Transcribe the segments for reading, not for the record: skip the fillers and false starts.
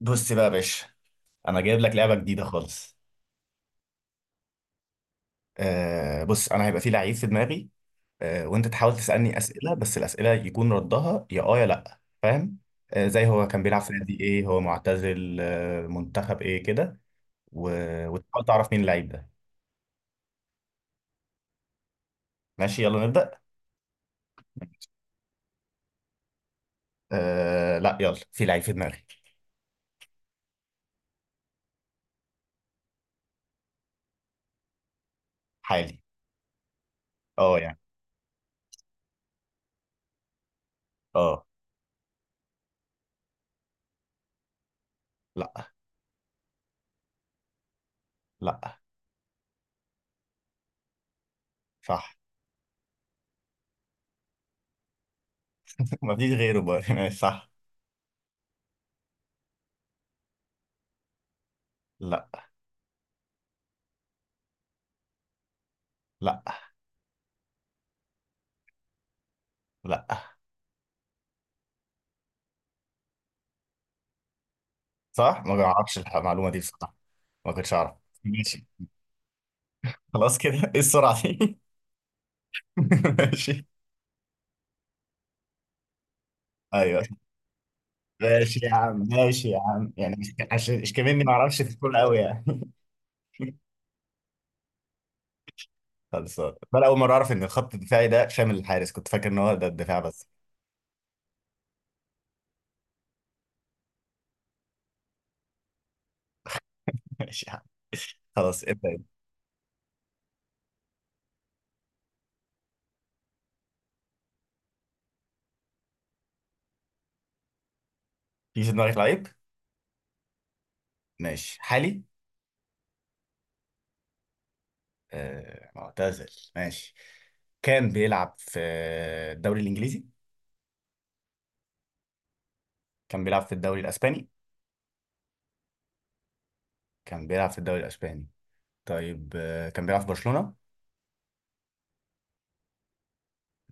بص بقى يا باشا، انا جايب لك لعبه جديده خالص. آه، بص انا هيبقى في لعيب في دماغي. آه، وانت تحاول تسالني اسئله، بس الاسئله يكون ردها يا اه يا لا. فاهم؟ زي هو كان بيلعب في نادي ايه، هو معتزل منتخب ايه كده. و... وتحاول تعرف مين اللعيب ده. ماشي، يلا نبدا. آه لا، يلا في لعيب في دماغي. حالي. اه يعني. اه. لا، لا، صح. مفيش غيره بقى. ماشي، صح. لا، لا، لا، صح. ما اعرفش المعلومه دي بصراحه. ما كنتش اعرف. ماشي. خلاص كده. ايه السرعة دي؟ ماشي. ايوه، ماشي يا عم ماشي يا عم، يعني مش عشان مش كمان ما اعرفش في الكورة قوي يعني. خلصان بقى، اول مرة اعرف ان الخط الدفاعي ده شامل الحارس، كنت فاكر ان هو ده الدفاع بس. ماشي يا عم. خلاص، ابدا انت. في في دماغك لعيب. ماشي حالي. آه معتزل. ماشي. كان بيلعب في الدوري الانجليزي. كان بيلعب في الدوري الاسباني. كان بيلعب في الدوري الاسباني. طيب كان بيلعب في برشلونة.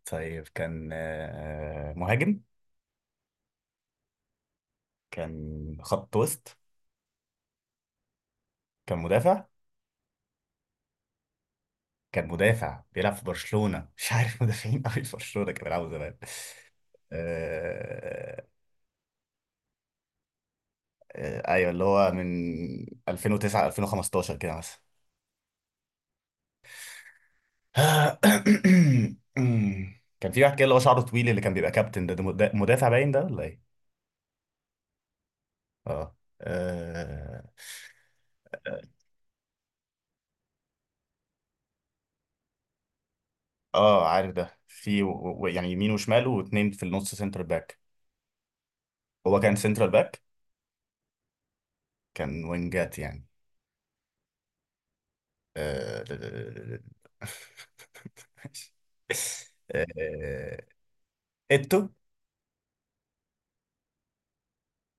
طيب كان مهاجم. كان خط وسط. كان مدافع. كان مدافع بيلعب في برشلونة، مش عارف مدافعين قوي في برشلونة كانوا بيلعبوا زمان. آه... ايوه اللي هو من 2009 2015 كده مثلا. كان في واحد كده اللي هو شعره طويل، اللي كان بيبقى كابتن ده، ده مدافع باين ده ولا ايه؟ اه اه عارف ده في يعني يمين وشمال واتنين في النص سنتر باك. هو كان سنترال باك. كان وينجات يعني. آه، آه، اتو.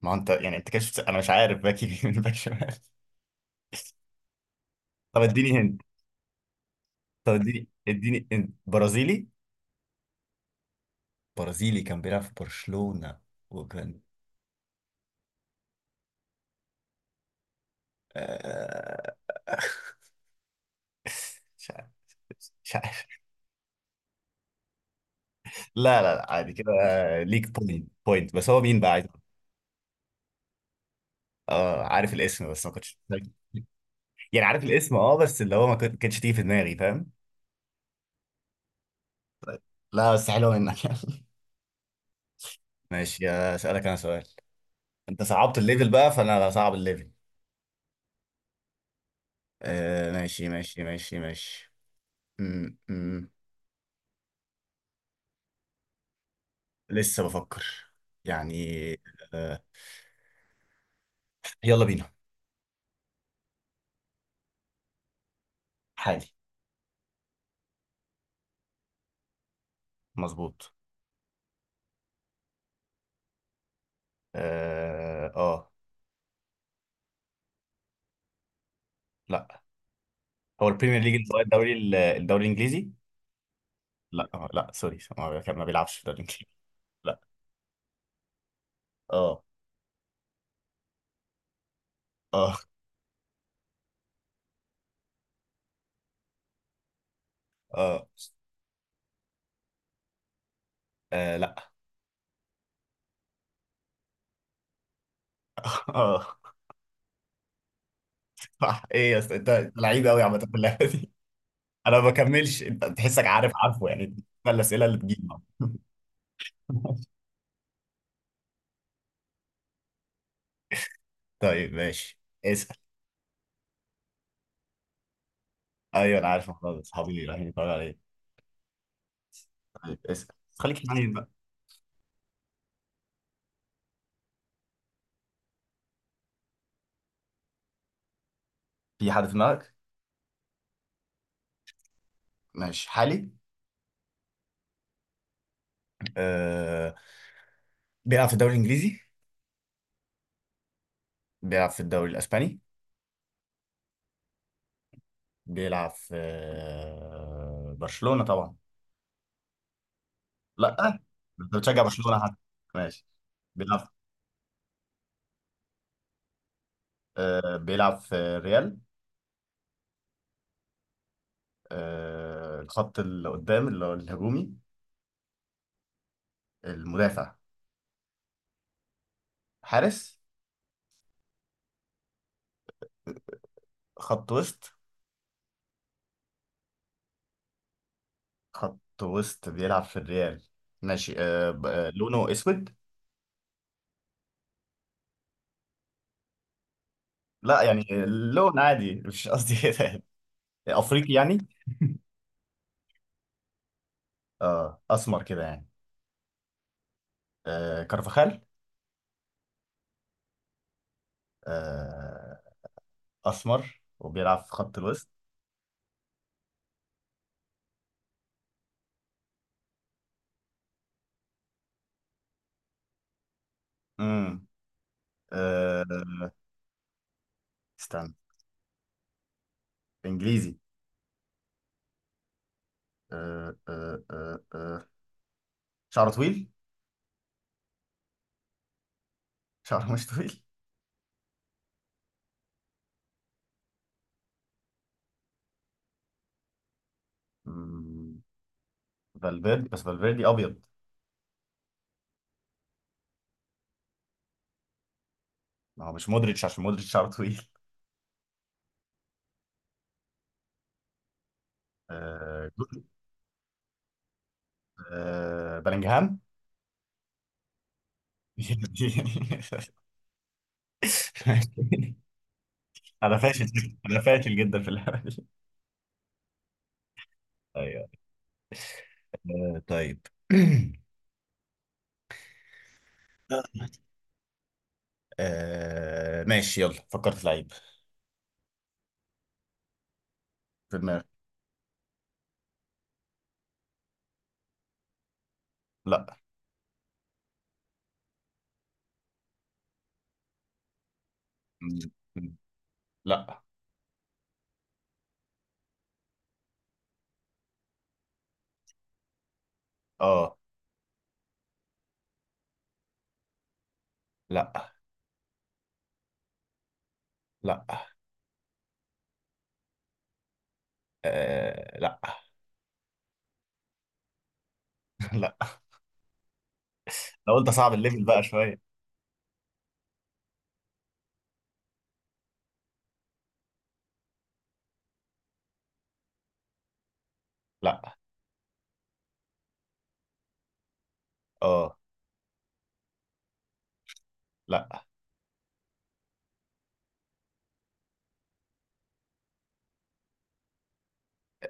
ما هو انت يعني انت كده انا مش عارف باك يمين باك شمال. طب اديني هند. طب اديني اديني هند. برازيلي. برازيلي كان بيلعب في برشلونة. وكان. آه، مش عارف. مش عارف. لا لا لا، عادي كده. ليك بوينت بوينت، بس هو مين بقى عايز؟ اه عارف الاسم بس ما كنتش. يعني عارف الاسم اه، بس اللي هو ما كنت- كانتش تيجي في دماغي فاهم. لا بس حلوه منك. ماشي، اسالك انا سؤال. انت صعبت الليفل بقى، فانا هصعب الليفل. آه، ماشي ماشي ماشي ماشي. م -م. لسه بفكر. يعني. آه. يلا بينا. حالي. مظبوط. اه آه. لا. هو البريمير ليج، اللي هو الدوري الانجليزي. لا لا سوري، ما بيلعبش في الدوري الانجليزي. لا. اه. اه. اه. آه، لا. اه. صح. ايه يا اسطى، أنت لعيب قوي عامه في اللعبه. انا ما بكملش انت، تحسك عارف عارفه يعني. ده الاسئله اللي بتجيب. طيب ماشي. اسال. ايوه انا عارف الموضوع ده، اصحابي رايحين يتفرجوا عليه. طيب اسال. خليك حنين بقى. في حد في دماغك؟ ماشي حالي. أه... بيلعب في الدوري الانجليزي. بيلعب في الدوري الاسباني. بيلعب في برشلونه طبعا. لا. انت بتشجع برشلونه حد. ماشي. بيلعب. بيلعب في ريال. الخط اللي قدام اللي هو الهجومي. المدافع. حارس. خط وسط. خط وسط بيلعب في الريال. ماشي، لونه اسود. لا يعني. لون عادي. مش قصدي كده يعني. افريقي يعني. اه اسمر كده يعني. آه كارفاخال. آه. اسمر وبيلعب في خط الوسط. امم. آه. استنى. انجليزي. آه آه آه آه. شعره طويل. شعره مش طويل. مم، فالفيردي، بس فالفيردي ابيض. ما هو مش مودريتش، عشان مودريتش شعره طويل. آه. آه، بلينجهام. انا فاشل جدا، انا فاشل جدا في اللعبه دي. ايوه. آه، طيب. آه، ماشي يلا فكرت في لعيب. في دماغي. لا. م- م- لا. اه. لا. لا. آه، لا. لا. لو انت صعب الليفل بقى شويه. لا. اه. لا.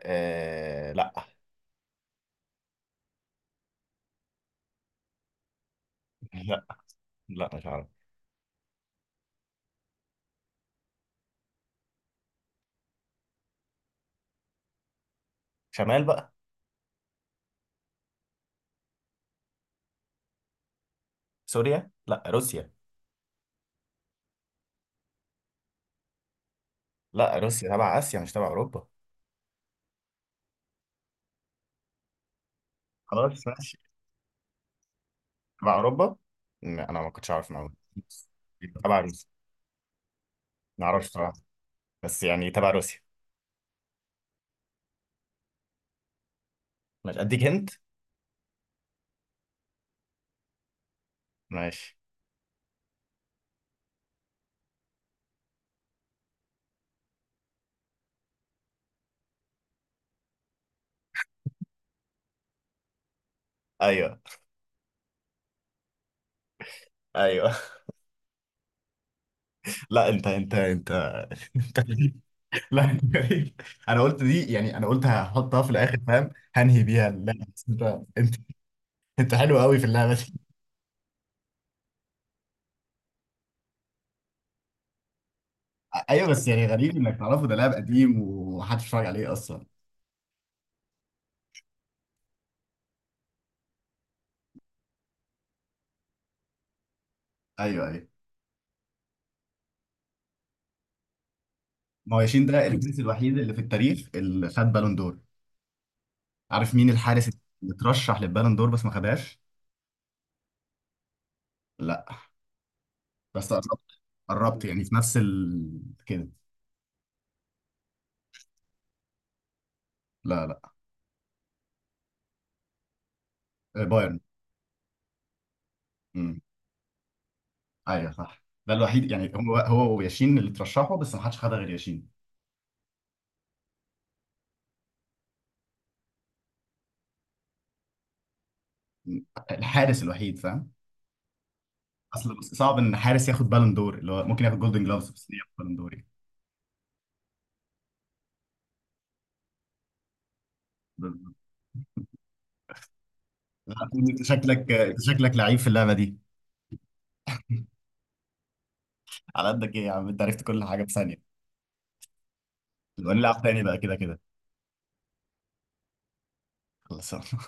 آه، لا. لا. لا مش عارف. شمال بقى. سوريا لا روسيا. لا، روسيا تبع اسيا مش تبع اوروبا. خلاص ماشي. تبع اوروبا. انا ما كنتش اعرف معلومه. يبقى تبع روسيا. ما اعرفش صراحه. بس يعني تبع روسيا. ماشي اديك هنت. ماشي. ايوه ايوه. لا انت انت انت انت غريب. لا انت غريب. انا قلت دي يعني انا قلت هحطها في الاخر فاهم. هنهي بيها، لا بس انت انت انت حلو قوي في اللعبه دي. ايوه بس يعني غريب انك تعرفه، ده لاعب قديم ومحدش اتفرج عليه اصلا. ايوه ايوه. ما هو ياشين ده الجنس الوحيد اللي في التاريخ اللي خد بالون دور. عارف مين الحارس اللي اترشح للبالون دور بس ما خدهاش؟ لا. بس قربت. قربت يعني في نفس كده. لا لا. آه، بايرن. امم. ايوه صح، ده الوحيد يعني، هو هو وياشين اللي ترشحوا بس ما حدش خدها غير ياشين. مم. الحارس الوحيد فاهم. اصل صعب ان حارس ياخد بالون دور، اللي هو ممكن ياخد جولدن جلوفز، بس ليه ياخد بالون دور يعني. بالظبط. لا، انت شكلك انت شكلك لعيب في اللعبه دي. على قدك ايه يا عم، انت عرفت كل حاجه في ثانيه. نبقى نلعب تاني بقى كده كده. خلاص